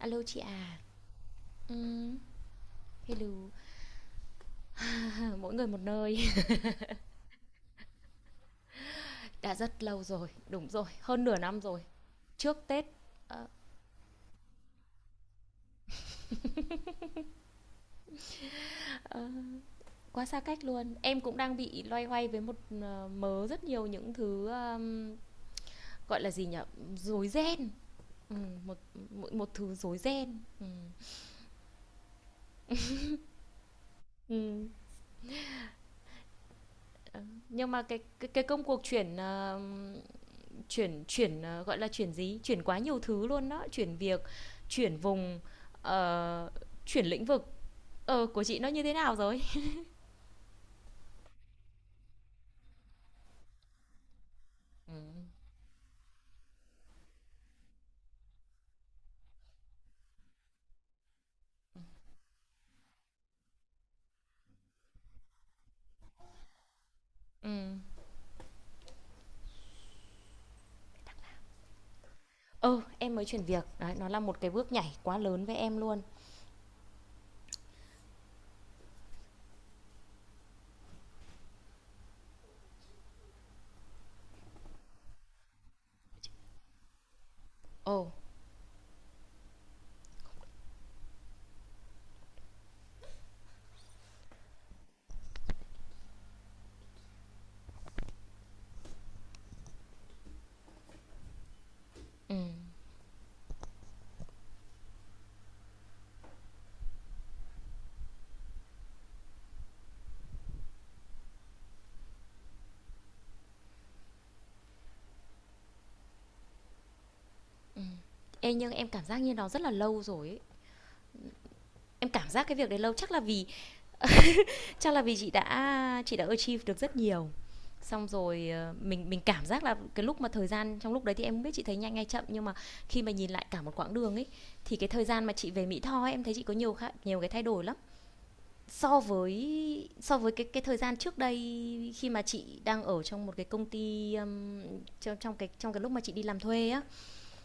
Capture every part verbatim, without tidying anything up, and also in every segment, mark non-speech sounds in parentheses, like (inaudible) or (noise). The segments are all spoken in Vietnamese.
Alo chị à. Ừm, hello. (laughs) Mỗi người một nơi. (laughs) Đã rất lâu rồi, đúng rồi, hơn nửa năm rồi. Trước Tết. Ờ, ờ, quá xa cách luôn. Em cũng đang bị loay hoay với một ờ, mớ rất nhiều những thứ, ờm, gọi là gì nhở? Rối ren. Ừ, một, một một thứ rối ren. Ừ. Ừ, nhưng mà cái cái, cái công cuộc chuyển ờ, chuyển chuyển ờ, gọi là chuyển gì? Chuyển quá nhiều thứ luôn đó, chuyển việc, chuyển vùng, ờ, chuyển lĩnh vực. Ờ, của chị nó như thế nào rồi? Ừ. Ừ. Ừ, em mới chuyển việc. Đấy, nó là một cái bước nhảy quá lớn với em luôn. Ồ, ừ. Ê, nhưng em cảm giác như nó rất là lâu rồi ấy. Em cảm giác cái việc đấy lâu chắc là vì chắc là vì chị đã chị đã achieve được rất nhiều. Xong rồi, ờ, mình mình cảm giác là cái lúc mà thời gian trong lúc đấy thì em không biết chị thấy nhanh hay chậm, nhưng mà khi mà nhìn lại cả một quãng đường ấy thì cái thời gian mà chị về Mỹ Tho ấy, em thấy chị có nhiều khá, nhiều cái thay đổi lắm. So với so với cái cái thời gian trước đây khi mà chị đang ở trong một cái công ty, ừm, trong trong cái trong cái lúc mà chị đi làm thuê á,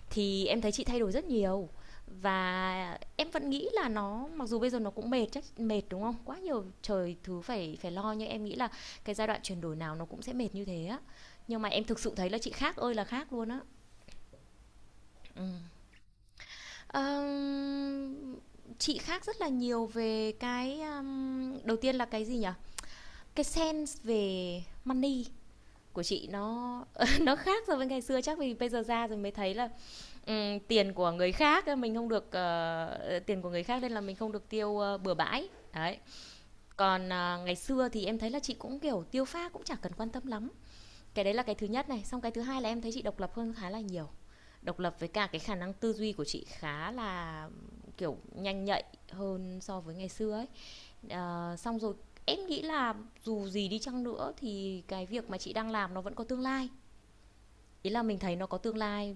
thì em thấy chị thay đổi rất nhiều và em vẫn nghĩ là nó mặc dù bây giờ nó cũng mệt, chắc mệt đúng không? Quá nhiều trời thứ phải phải lo, nhưng em nghĩ là cái giai đoạn chuyển đổi nào nó cũng sẽ mệt như thế á. Nhưng mà em thực sự thấy là chị khác ơi là khác luôn á. Ừ. Ờm, chị khác rất là nhiều về cái, um, đầu tiên là cái gì nhỉ? Cái sense về money của chị nó (laughs) nó khác so với ngày xưa, chắc vì bây giờ ra rồi mới thấy là, ừm, tiền của người khác, ờ, mình không được, ờ, tiền của người khác nên là mình không được tiêu, ơ, bừa bãi, đấy. Còn, à, ngày xưa thì em thấy là chị cũng, kiểu, tiêu pha cũng chẳng cần quan tâm lắm. Cái đấy là cái thứ nhất này, xong cái thứ hai là em thấy chị độc lập hơn khá là nhiều. Độc lập với cả cái khả năng tư duy của chị khá là, kiểu, nhanh nhạy hơn so với ngày xưa ấy. Ờ, xong rồi em nghĩ là dù gì đi chăng nữa thì cái việc mà chị đang làm nó vẫn có tương lai. Ý là mình thấy nó có tương lai,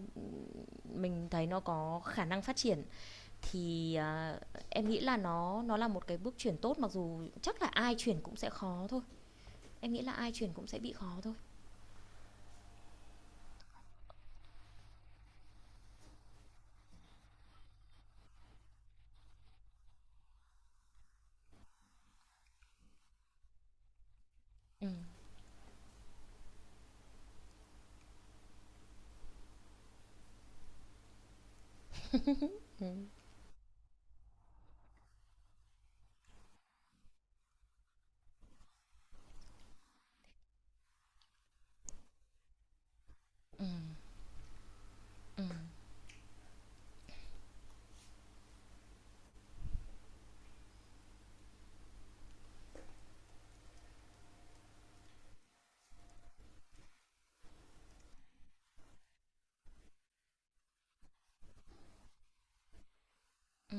mình thấy nó có khả năng phát triển thì, à, em nghĩ là nó nó là một cái bước chuyển tốt, mặc dù chắc là ai chuyển cũng sẽ khó thôi. Em nghĩ là ai chuyển cũng sẽ bị khó thôi. Ừ. Ừ. Ừ. Ừ.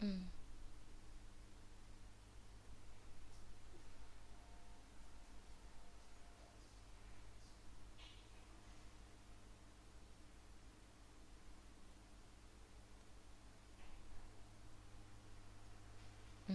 Ừ. Ừ.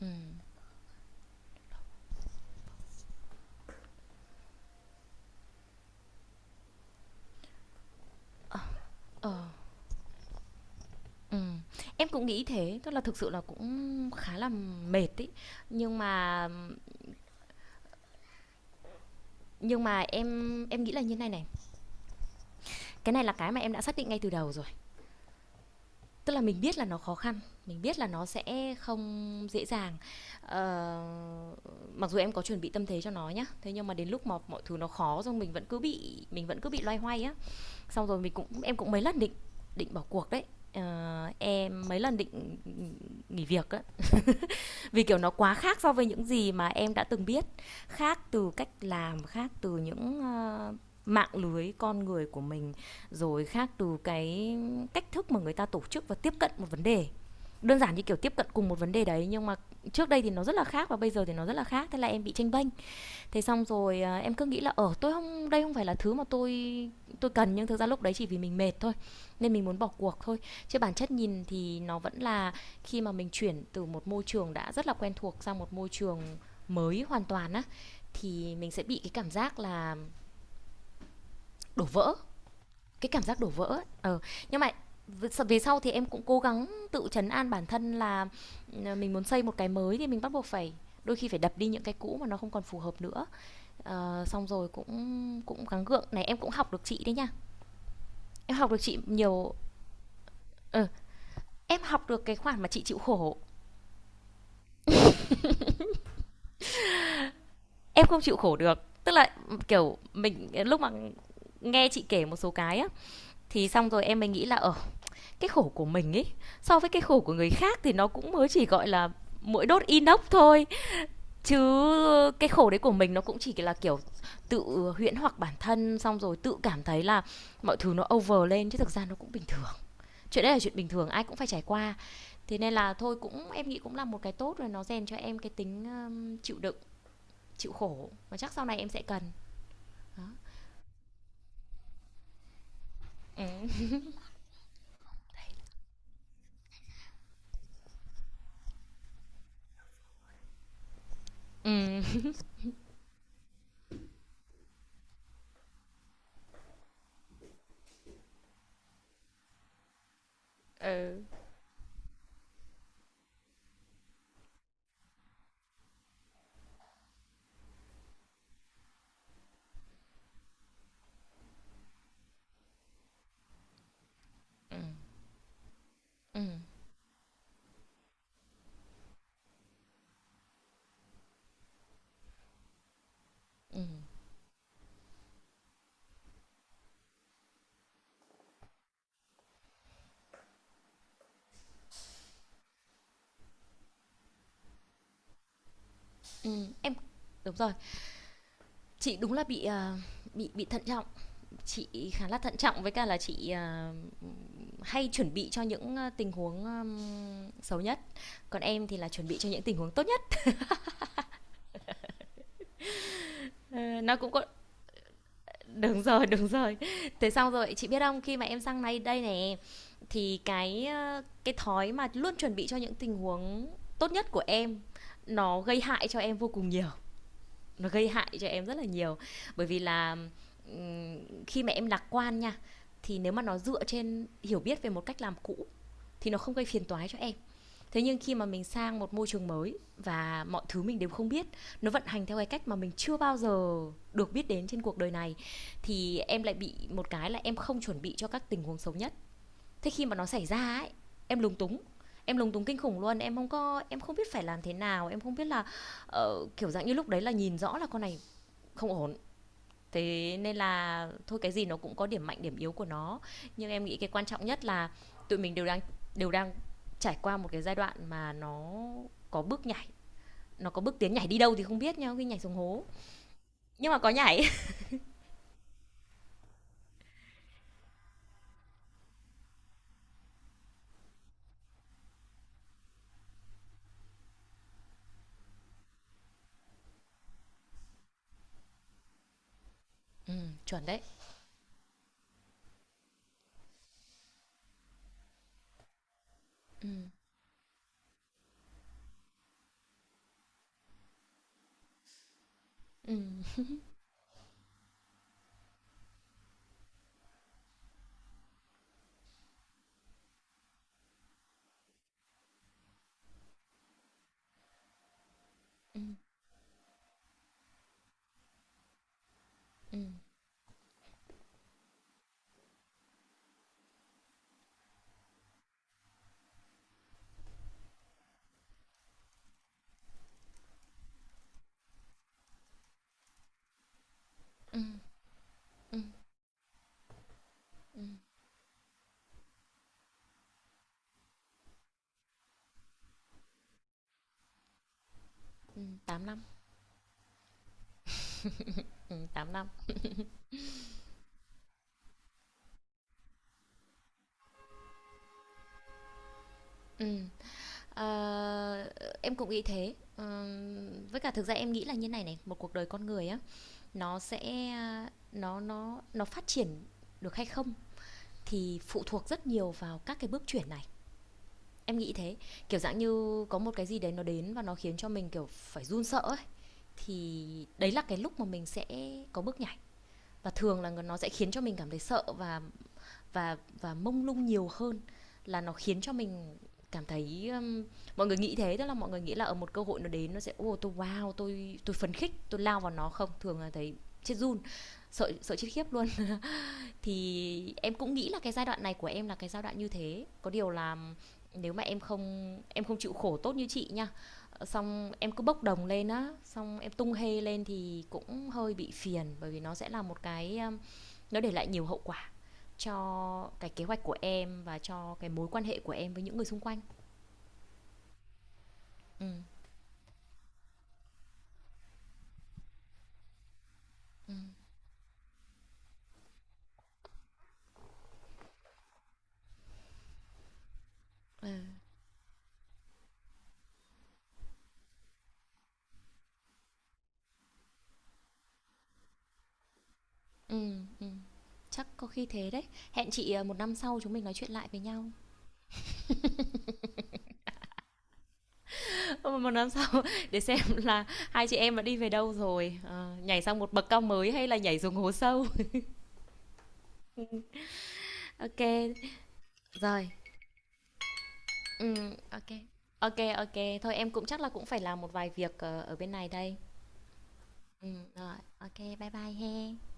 Ừ. Ờ. Ừ. Em cũng nghĩ thế, tức là thực sự là cũng khá là mệt ý. Nhưng mà nhưng mà em em nghĩ là như này này, cái này là cái mà em đã xác định ngay từ đầu rồi, tức là mình biết là nó khó khăn, mình biết là nó sẽ không dễ dàng. ờ, Mặc dù em có chuẩn bị tâm thế cho nó nhá, thế nhưng mà đến lúc mà mọi thứ nó khó rồi mình vẫn cứ bị mình vẫn cứ bị loay hoay á, xong rồi mình cũng em cũng mấy lần định định bỏ cuộc đấy. Ờ, em mấy lần định nghỉ việc á, vì kiểu nó quá khác so với những gì mà em đã từng biết, khác từ cách làm, khác từ những, ờ, mạng lưới con người của mình, rồi khác từ cái cách thức mà người ta tổ chức và tiếp cận một vấn đề. Đơn giản như kiểu tiếp cận cùng một vấn đề đấy nhưng mà trước đây thì nó rất là khác và bây giờ thì nó rất là khác, thế là em bị tranh bênh. Thế xong rồi, à, em cứ nghĩ là ở, tôi không, đây không phải là thứ mà tôi tôi cần, nhưng thực ra lúc đấy chỉ vì mình mệt thôi, nên mình muốn bỏ cuộc thôi, chứ bản chất nhìn thì nó vẫn là khi mà mình chuyển từ một môi trường đã rất là quen thuộc sang một môi trường mới hoàn toàn á, thì mình sẽ bị cái cảm giác là đổ vỡ, cái cảm giác đổ vỡ ấy. ờ nhưng mà v- về sau thì em cũng cố gắng tự trấn an bản thân là ừ, mình muốn xây một cái mới thì mình bắt buộc phải, đôi khi phải đập đi những cái cũ mà nó không còn phù hợp nữa. Ờ, xong rồi cũng cũng gắng gượng này, em cũng học được chị đấy nha, em học được chị nhiều. Ừ, em học được cái khoản mà chị chịu khổ. Em không chịu khổ được, tức là kiểu mình lúc mà nghe chị kể một số cái á, thì xong rồi em mới nghĩ là ở, cái khổ của mình ấy so với cái khổ của người khác thì nó cũng mới chỉ gọi là mũi đốt inox thôi, chứ cái khổ đấy của mình nó cũng chỉ là kiểu tự huyễn hoặc bản thân, xong rồi tự cảm thấy là mọi thứ nó over lên, chứ thực ra nó cũng bình thường, chuyện đấy là chuyện bình thường ai cũng phải trải qua. Thế nên là thôi, cũng em nghĩ cũng là một cái tốt rồi, nó rèn cho em cái tính, um, chịu đựng, chịu khổ, và chắc sau này em sẽ cần. Đó. Ừ. Ừ. (laughs) Ừ. Ừ. Ừ. Em đúng rồi, chị đúng là bị, à, bị bị thận trọng, chị khá là thận trọng, với cả là chị, à, hay chuẩn bị cho những, à, tình huống, um, xấu nhất. Còn em thì là chuẩn bị cho những tình huống tốt nhất. Ờ, nó cũng có. Đúng rồi, đúng rồi. Thế xong rồi, chị biết không, khi mà em sang đây đây này thì cái, ơ, cái thói mà luôn chuẩn bị cho những tình huống tốt nhất của em, nó gây hại cho em vô cùng nhiều, nó gây hại cho em rất là nhiều. Bởi vì là, ừm, khi mà em lạc quan nha, thì nếu mà nó dựa trên hiểu biết về một cách làm cũ thì nó không gây phiền toái cho em. Thế nhưng khi mà mình sang một môi trường mới và mọi thứ mình đều không biết, nó vận hành theo cái cách mà mình chưa bao giờ được biết đến trên cuộc đời này, thì em lại bị một cái là em không chuẩn bị cho các tình huống xấu nhất. Thế khi mà nó xảy ra ấy, em lúng túng, em lúng túng kinh khủng luôn, em không có em không biết phải làm thế nào, em không biết là, ờ, kiểu dạng như lúc đấy là nhìn rõ là con này không ổn. Thế nên là thôi, cái gì nó cũng có điểm mạnh điểm yếu của nó, nhưng em nghĩ cái quan trọng nhất là tụi mình đều đang đều đang trải qua một cái giai đoạn mà nó có bước nhảy, nó có bước tiến, nhảy đi đâu thì không biết, nhau khi nhảy xuống hố nhưng mà có nhảy. (laughs) Ừ, chuẩn đấy. Ừ, ừ, ừ, ừ, ừ, ừ, ừ, ừ, tám năm. Ừ, tám năm. ừ, ờ, em cũng nghĩ thế. Ờ, với cả thực ra em nghĩ là như này này, một cuộc đời con người á, nó sẽ nó nó nó phát triển được hay không thì phụ thuộc rất nhiều vào các cái bước chuyển này, em nghĩ thế. Kiểu dạng như có một cái gì đấy nó đến và nó khiến cho mình kiểu phải run sợ ấy, thì đấy là cái lúc mà mình sẽ có bước nhảy, và thường là nó sẽ khiến cho mình cảm thấy sợ và và và mông lung nhiều hơn là nó khiến cho mình cảm thấy, um, mọi người nghĩ thế, tức là mọi người nghĩ là ở một cơ hội nó đến nó sẽ ô oh, tôi wow tôi tôi phấn khích tôi lao vào, nó không, thường là thấy chết run, sợ sợ chết khiếp luôn. Thì em cũng nghĩ là cái giai đoạn này của em là cái giai đoạn như thế, có điều là nếu mà em không em không chịu khổ tốt như chị nha. Ờ, xong em cứ bốc đồng lên á, xong em tung hê lên thì cũng hơi bị phiền, bởi vì nó sẽ là một cái, um, nó để lại nhiều hậu quả cho cái kế hoạch của em và cho cái mối quan hệ của em với những người xung quanh. Ừ ừ ừ ừ, ừ. Chắc có khi thế đấy, hẹn chị, ờ, một năm sau chúng mình nói chuyện lại với nhau, một năm sau (laughs) để xem là hai chị em đã đi về đâu rồi, ờ, nhảy sang một bậc cao mới hay là nhảy xuống hố sâu. (laughs) OK rồi, ừm, ok ok Ô, thôi em cũng chắc là cũng phải làm một vài việc, ờ, ở bên này đây. Ừm, rồi, ô, bye bye he.